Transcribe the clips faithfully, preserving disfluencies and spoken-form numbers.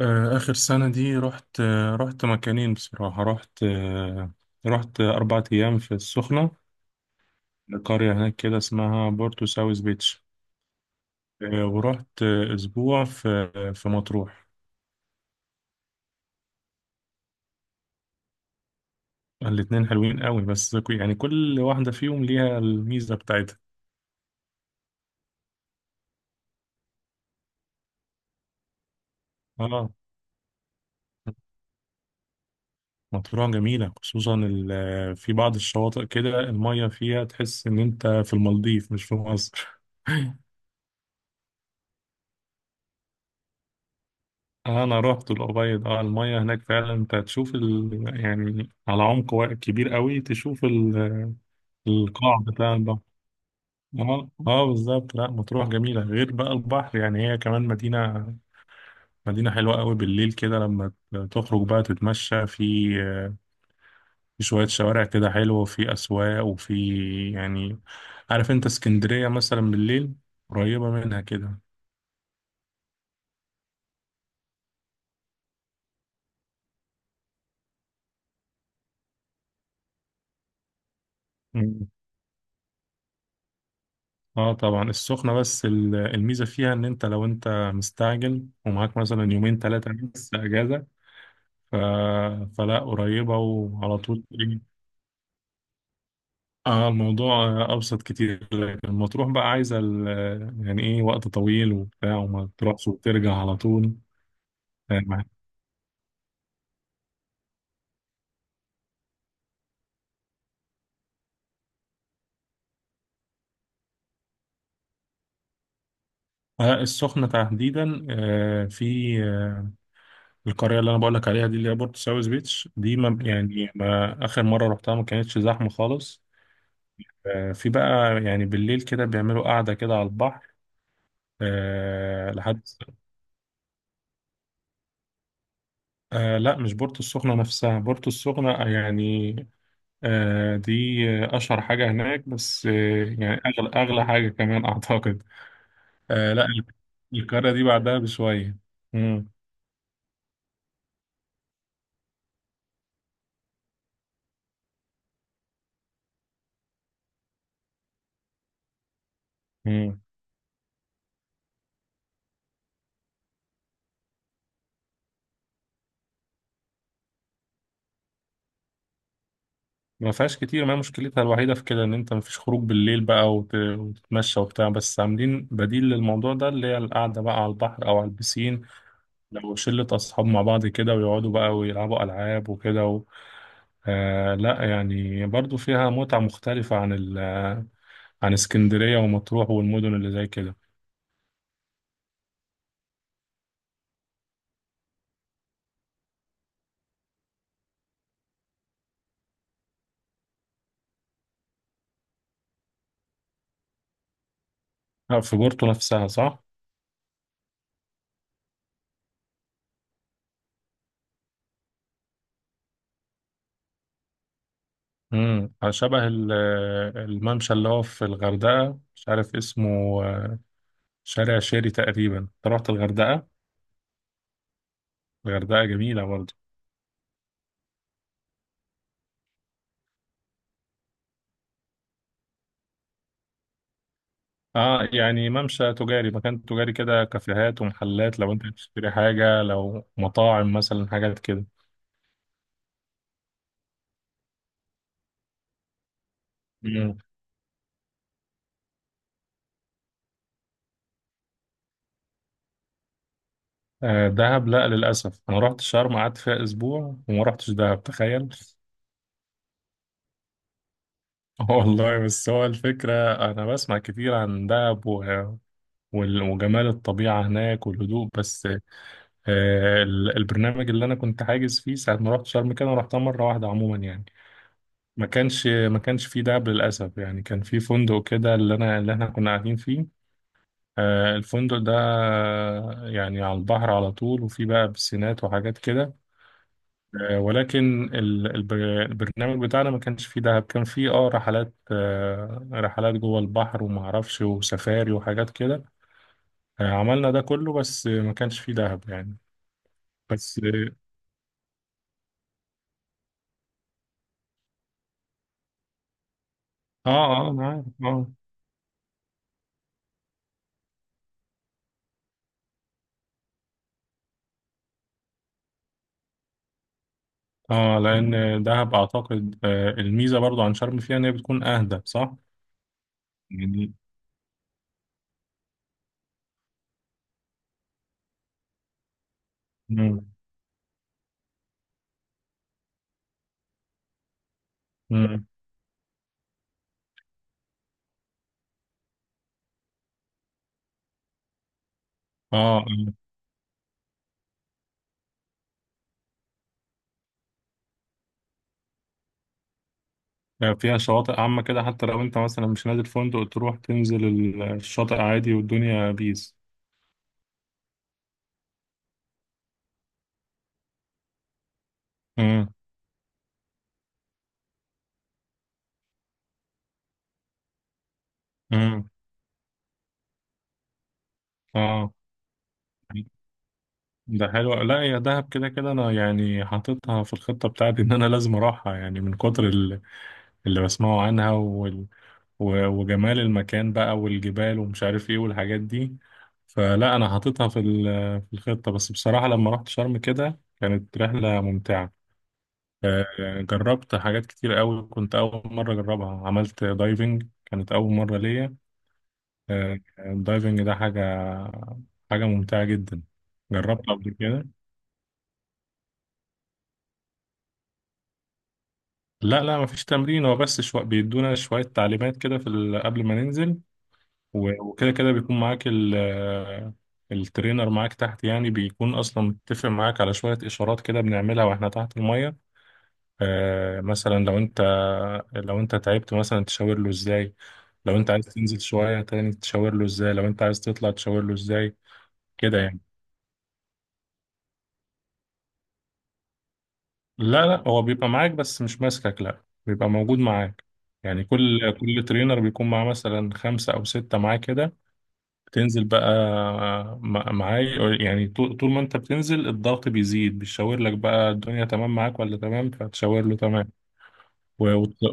آه، آخر سنة دي رحت آه، رحت مكانين. بصراحة، رحت آه، رحت أربع أيام في السخنة، لقرية هناك كده اسمها بورتو ساوث بيتش. آه، ورحت آه، أسبوع في آه، في مطروح. الاتنين حلوين قوي، بس كو- يعني كل واحدة فيهم ليها الميزة بتاعتها. اه، مطروح جميلة، خصوصا ال- آه، في بعض الشواطئ كده المية فيها تحس إن أنت في المالديف مش في مصر. آه، انا رحت الأبيض. اه، المية هناك فعلا انت هتشوف ال... يعني على عمق وا- كبير قوي. تشوف ال... القاع بتاع البحر. اه، آه، بالظبط. لا، مطروح جميلة غير بقى البحر، يعني هي كمان مدينة، مدينة حلوة قوي بالليل، كده لما ت- تخرج بقى تتمشى في آه، في شوية شوارع كده حلوة، وفي أسواق، وفي، يعني. عارف انت اسكندرية مثلا بالليل؟ قريبة منها كده. اه طبعا، السخنة بس ال- الميزة فيها ان انت لو انت مستعجل ومعاك مثلا يومين ثلاثة بس اجازة، ف... فلا، قريبة وعلى طول تيجي. اه، الموضوع آه، ابسط كتير، لكن المطروح بقى عايزة ال... يعني ايه، وقت طويل وبتاع، وما تروحش وترجع على طول. آه، آه، السخنة تحديدا آه، في آه، القرية اللي أنا بقول لك عليها دي، اللي هي بورتو ساوث بيتش دي، ما يعني ما آخر مرة رحتها ما كانتش زحمة خالص. آه، في بقى يعني بالليل كده بيعملوا قعدة كده على البحر آه لحد... آه لا، مش بورتو السخنة نفسها، بورتو السخنة يعني آه دي أشهر حاجة هناك، بس آه يعني أغلى أغلى حاجة كمان أعتقد. آه لا، القارة دي بعدها بشوية. مم. مم. ما فيهاش كتير. ما هي مشكلتها الوحيدة في كده إن أنت مفيش خروج بالليل بقى وت- وتتمشى وبتاع، بس عاملين بديل للموضوع ده، اللي هي القعدة بقى على البحر أو على البسين، لو شلة أصحاب مع بعض كده ويقعدوا بقى ويلعبوا ألعاب وكده و... آه لا، يعني برضو فيها متعة مختلفة عن ال... آه، عن اسكندرية ومطروح والمدن اللي زي كده. آه، في بورتو نفسها، صح؟ امم، شبه ال- آه، الممشى اللي هو في الغردقة، مش عارف اسمه. آه، شارع شيري تقريبا. أنت رحت الغردقة؟ الغردقة جميلة برضو. اه يعني ممشى تجاري، مكان تجاري كده، كافيهات ومحلات، لو انت بتشتري حاجة، لو مطاعم مثلا، حاجات كده. آه، دهب؟ لا، للأسف أنا رحت شرم، قعدت فيها أسبوع وما رحتش دهب، تخيل. والله، بس هو الفكرة أنا بسمع كتير عن دهب و... وال- وجمال الطبيعة هناك والهدوء، بس آه، ال- البرنامج اللي أنا كنت حاجز فيه ساعة ما رحت شرم، كده أنا رحتها مرة واحدة عموما يعني ما كانش ما كانش فيه دهب للأسف، يعني. كان في فندق كده، اللي أنا، اللي إحنا كنا قاعدين فيه. آه، الفندق ده آه، يعني على البحر على طول، وفيه بقى بسينات وحاجات كده، ولكن ال- الب- البرنامج بتاعنا ما كانش فيه دهب. كان فيه اه رحلات، آه، رحلات جوه البحر، وما اعرفش، وسفاري، وحاجات كده. آه، عملنا ده كله، بس ما كانش فيه دهب يعني. بس اه. اه، انا عارف. اه، اه لان دهب اعتقد آه، الميزه برضو عن شرم فيها ان هي بتكون اهدى، صح يعني. مم. مم. اه. آه. آه، فيها شواطئ عامه كده، حتى لو انت مثلا مش نازل فندق، تروح تنزل الشاطئ عادي والدنيا بيس. مم. مم. اه. ده حلو. لا يا دهب كده كده، انا يعني حاططها في الخطة بتاعتي ان انا لازم اروحها، يعني من كتر ال- اللي بسمعه عنها وال... و- وجمال المكان بقى والجبال، ومش عارف ايه والحاجات دي. فلا، انا حاططها في ال- في الخطة. بس بصراحة لما رحت شرم كده كانت رحلة ممتعة. آه، جربت حاجات كتير قوي، كنت اول مرة اجربها. عملت دايفنج، كانت اول مرة ليا. آه، الدايفنج ده حاجة، حاجة ممتعة جدا. جربت قبل كده. لا لا، مفيش تمرين، هو بس شو... بيدونا شوية تعليمات كده في ال... قبل ما ننزل. و- وكده كده بيكون معاك ال... آه، الترينر معاك تحت، يعني بيكون أصلا متفق معاك على شوية إشارات كده بنعملها وإحنا تحت المية. آه مثلا لو أنت لو أنت تعبت مثلا تشاور له إزاي، لو أنت عايز تنزل شوية تاني تشاور له إزاي، لو أنت عايز تطلع تشاور له إزاي، كده يعني. لا لا، هو بيبقى معاك بس مش ماسكك، لا بيبقى موجود معاك. يعني كل كل ترينر بيكون معاه مثلا خمسة أو ستة معاه كده. تنزل بقى مع- معاي، يعني طو- طول ما انت بتنزل الضغط بيزيد، بيشاور لك بقى الدنيا تمام معاك ولا تمام، فتشاور له تمام. و- وت-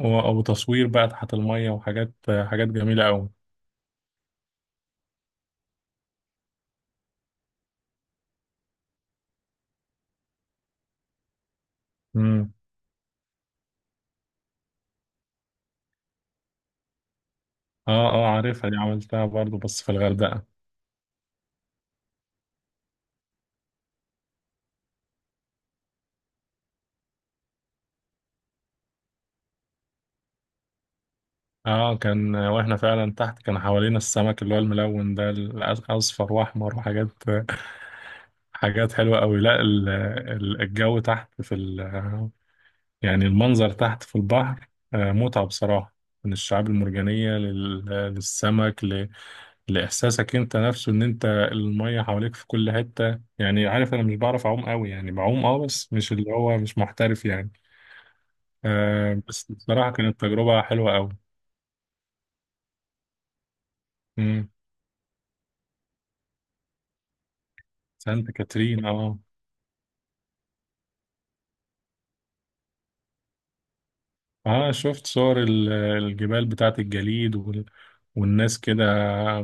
و- وتصوير بقى تحت المية، وحاجات، حاجات جميلة أوي. امم. اه. اه عارفها دي، عملتها برضو بس في الغردقة. اه، كان واحنا فعلا تحت، كان حوالينا السمك اللي هو الملون ده، الأصفر وأحمر وحاجات. حاجات حلوة أوي. لا ال- ال- الجو تحت في ال... يعني المنظر تحت في البحر آه، متعة بصراحة، من الشعاب المرجانية لل- للسمك، ل... لإحساسك أنت نفسه إن أنت المية حواليك في كل حتة، يعني. عارف، أنا مش بعرف أعوم قوي يعني، بعوم أه بس مش اللي هو مش محترف يعني. آه بس بصراحة كانت تجربة حلوة قوي. مم. سانت كاترين أه. اه، شفت صور ال- الجبال بتاعت الجليد وال... والناس كده،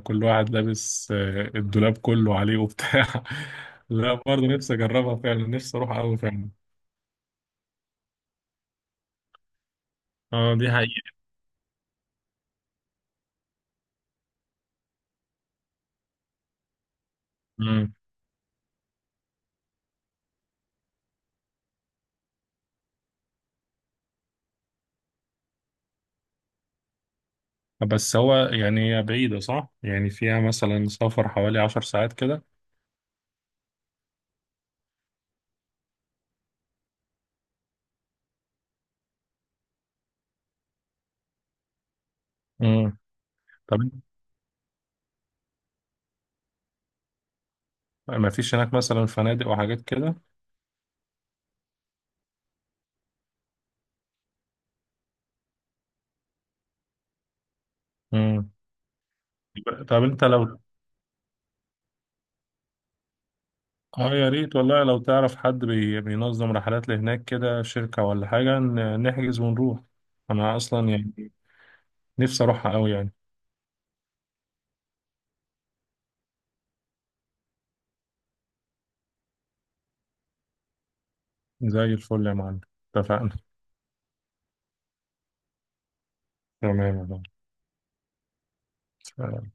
كل واحد لابس آه، الدولاب كله عليه وبتاع. لا برضه، نفسي اجربها فعلا، نفسي اروح قوي فعلا. اه، دي حقيقة. مم. بس هو يعني هي بعيدة، صح؟ يعني فيها مثلا سفر حوالي عشر ساعات كده. مم. طب ما فيش هناك مثلا فنادق وحاجات كده؟ مم. طب انت لو، اه يا ريت والله، لو تعرف حد بي- بينظم رحلات لهناك كده، شركة ولا حاجة، ن- نحجز ونروح. أنا أصلا يعني نفسي أروحها أوي يعني. زي الفل يا معلم. اتفقنا. تمام يا معلم.